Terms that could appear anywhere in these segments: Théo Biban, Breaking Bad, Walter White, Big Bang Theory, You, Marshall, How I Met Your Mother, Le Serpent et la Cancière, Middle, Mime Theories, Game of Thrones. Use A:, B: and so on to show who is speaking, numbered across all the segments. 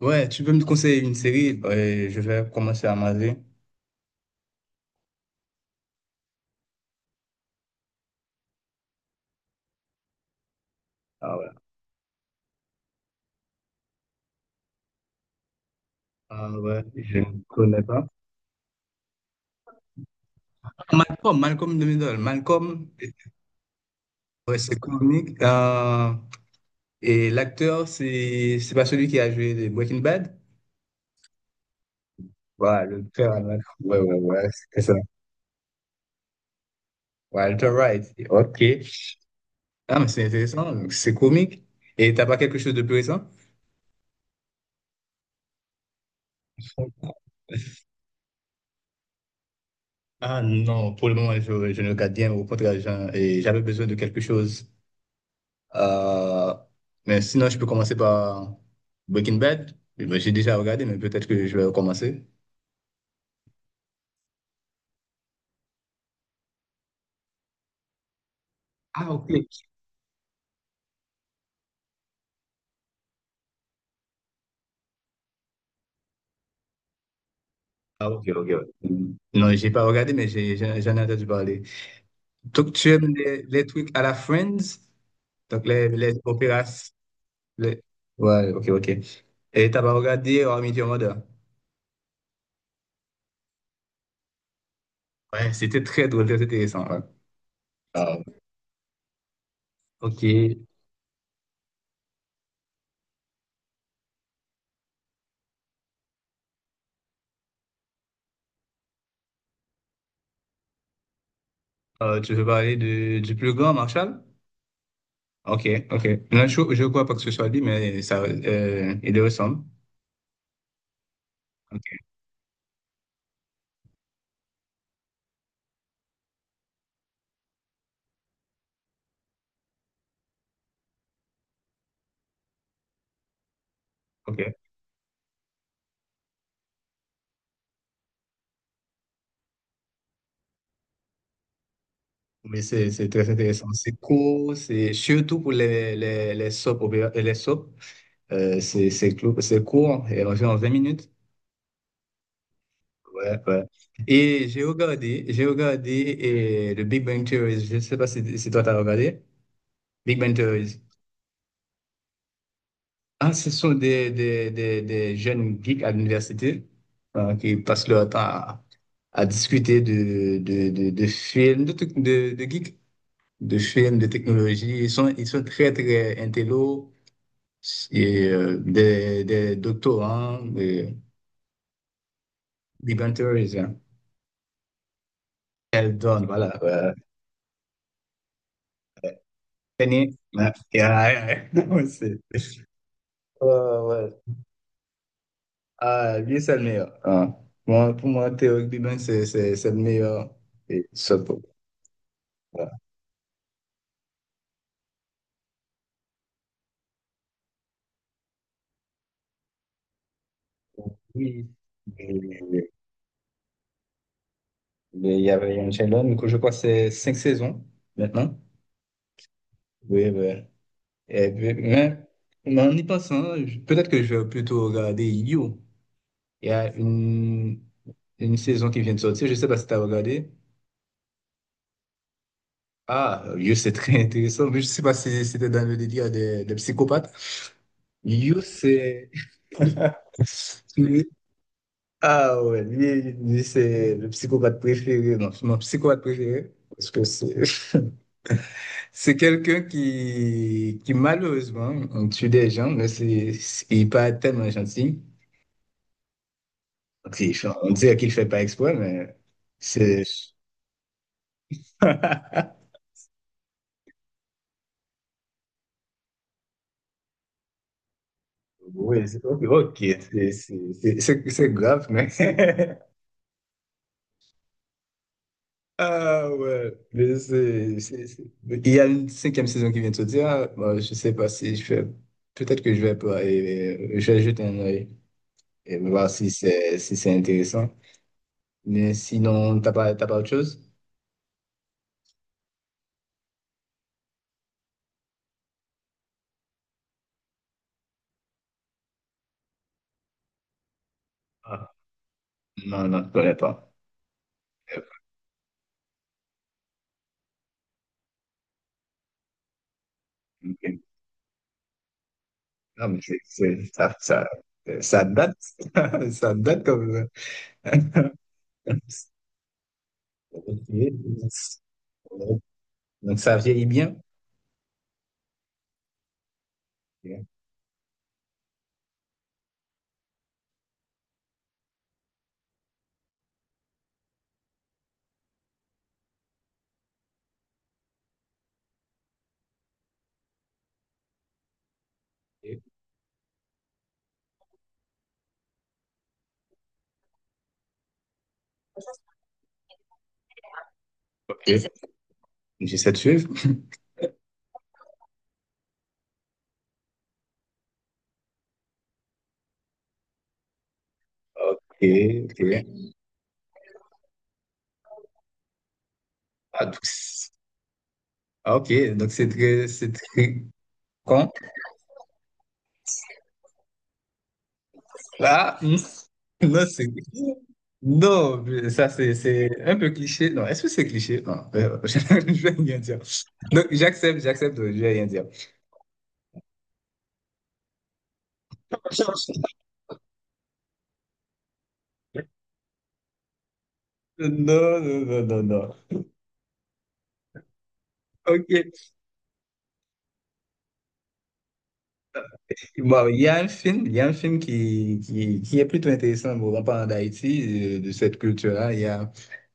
A: Ouais, tu peux me conseiller une série et je vais commencer à maser. Ah ouais, ah ouais, je ne connais pas. Malcolm de Middle. Malcolm, ouais, c'est comique. Et l'acteur, c'est pas celui qui a joué des Breaking Bad? Ouais, le père, là. Ouais, ouais, ouais, c'est ça. Walter Wright, ok. Ah, mais c'est intéressant, donc c'est comique. Et t'as pas quelque chose de plus récent? Ah non, pour le moment, je ne regarde bien. Au contraire, et j'avais besoin de quelque chose. Euh, mais sinon, je peux commencer par Breaking Bad. Eh Ben, j'ai déjà regardé, mais peut-être que je vais recommencer. Ah, ok. Ah, ok, ok. Ouais. Non, j'ai pas regardé, mais j'en ai entendu parler. Donc, tu aimes les trucs à la Friends? Donc, les opéras. les- Ouais, ok, ok. Et t'as pas regardé How I Met Your Mother? Ouais, c'était très drôle, très intéressant. Ouais. Ah, ok. Tu veux parler de, du plus grand, Marshall? Ok, ok. Là, je crois pas que ce soit lui, mais ça, il le ressemble. Ok, ok. Mais c'est très intéressant. C'est court, c'est surtout pour les soap, les soap, c'est c'est court, et environ 20 minutes. Ouais, ouais. Et j'ai regardé et le Big Bang Theory. Je ne sais pas si, si toi t'as regardé. Big Bang Theory. Ah, ce sont des jeunes geeks à l'université qui passent leur temps à discuter de films, de, de geeks, de films, de technologie. Ils sont très, très intello, et, des doctorants, des débentures, hein. Elles donnent, voilà. Tenez, ouais, ouais, ouais, ouais, ouais, ouais. Ah, lui, c'est le meilleur. Ah. Moi, pour moi, Théo Biban, c'est le meilleur. Et, ça, ouais. Oui, je- mais il y avait une chaîne là, du coup, je crois que c'est cinq saisons maintenant. Oui, oui. Et puis, mais en y pensant, peut-être que je vais plutôt regarder You. Il y a une saison qui vient de sortir, je ne sais pas si tu as regardé. Ah, You, c'est très intéressant, mais je ne sais pas si c'était dans le délire des psychopathes. You, c'est. lui- Ah ouais, lui, c'est le psychopathe préféré, non, c'est mon psychopathe préféré. Parce que c'est quelqu'un qui malheureusement on tue des gens, mais il est pas tellement gentil. Donc, on dirait qu'il fait pas exprès, mais c'est. Oui, ok, ok, c'est grave, mais. Ah ouais, mais il y a une cinquième saison qui vient de sortir. Moi je sais pas si je vais. Peut-être que je vais pas. Et je vais jeter un œil et voir si c'est si c'est intéressant. Mais sinon, t'as pas autre chose? Non, non, je connais pas. Ok. Non, mais ça, ça, ça date. Ça date comme. Ok. Donc ça vieillit bien. Ok. Ok. J'essaie de suivre. Ok, ok. Ah, ah, ok, donc c'est très con. Ah, non, c'est. Non, mais ça c'est un peu cliché. Non, est-ce que c'est cliché? Non, je vais rien dire. Donc j'accepte, j'accepte, je vais rien dire. Non, non, non, non, non. Ok. Bon, il y a un film, il y a un film qui est plutôt intéressant, bon, en parlant d'Haïti, de cette culture-là. Il y a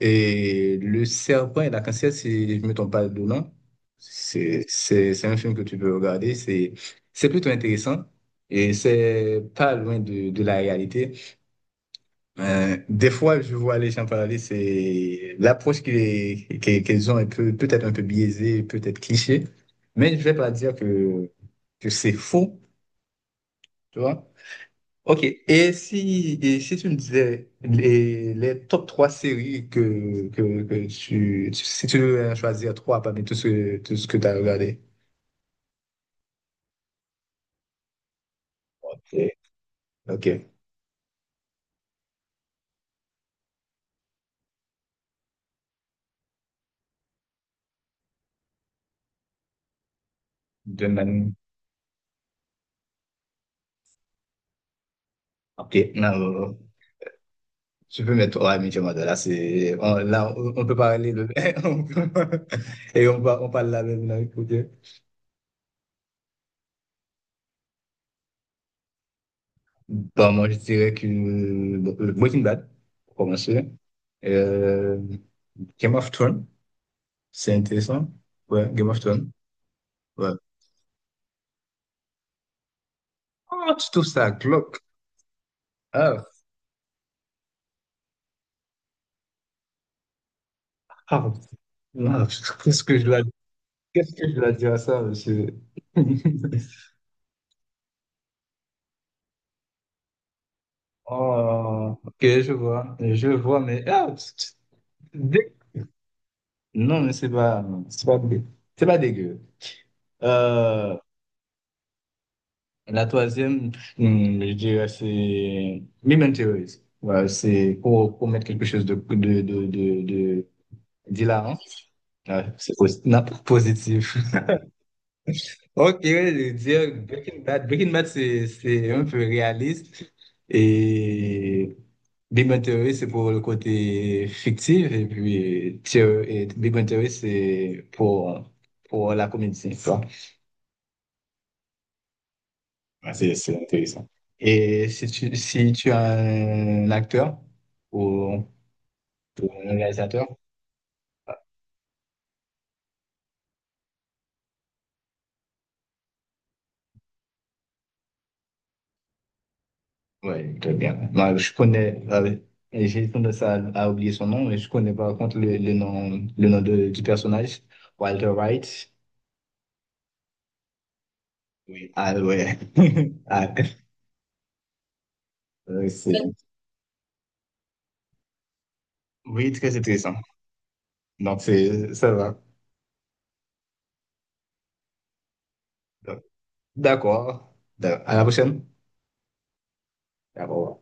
A: et Le Serpent et la Cancière, si je ne me trompe pas de nom. C'est un film que tu peux regarder. C'est plutôt intéressant et c'est pas loin de la réalité. Des fois, je vois les gens parler, c'est l'approche qu'ils ont est peut-être un peu biaisée, peut-être cliché, mais je ne vais pas dire que c'est faux, tu vois. Ok, et si tu me disais les top 3 séries que tu, si tu devais choisir trois parmi tout ce que tu as regardé. Ok, ok. Donne. Ok, non. Tu peux mettre, ouais, mais tu vois, là, c'est, on, là, on on peut parler de, et on, on parle la même langue, pour Dieu. Bon, moi, je dirais que, bon, Breaking Bad, pour commencer. Euh, Game of Thrones, c'est intéressant. Ouais, Game of Thrones. Ouais. Oh, tu trouves ça glauque. Ah, ah, ah, qu'est-ce que je dois, qu'est-ce que je dois dire à ça, monsieur? Oh, ok, je vois, mais ah, dès non, mais c'est pas, c'est pas dégueu. Euh, la troisième, hmm, je dirais, c'est Mime Theories. Ouais, c'est pour mettre quelque chose de d'hilarant. Ouais, non, positif. Ok, ouais, je veux dire Breaking Bad. Breaking Bad, c'est un peu réaliste. Et Big Bang Theory, c'est pour le côté fictif. Et puis, Big Bang Theory, c'est pour la comédie. Ah, c'est intéressant. Et si tu, si tu as un acteur ou, ou un réalisateur, ouais, très bien. Moi, je connais, et j'ai tendance à oublier son nom, mais je connais par contre le nom, du personnage, Walter White. Oui. Ah ouais. Ah, euh, c'est- oui, très intéressant. Donc, c'est, ça va. Donc, d'accord. À la prochaine. D'accord.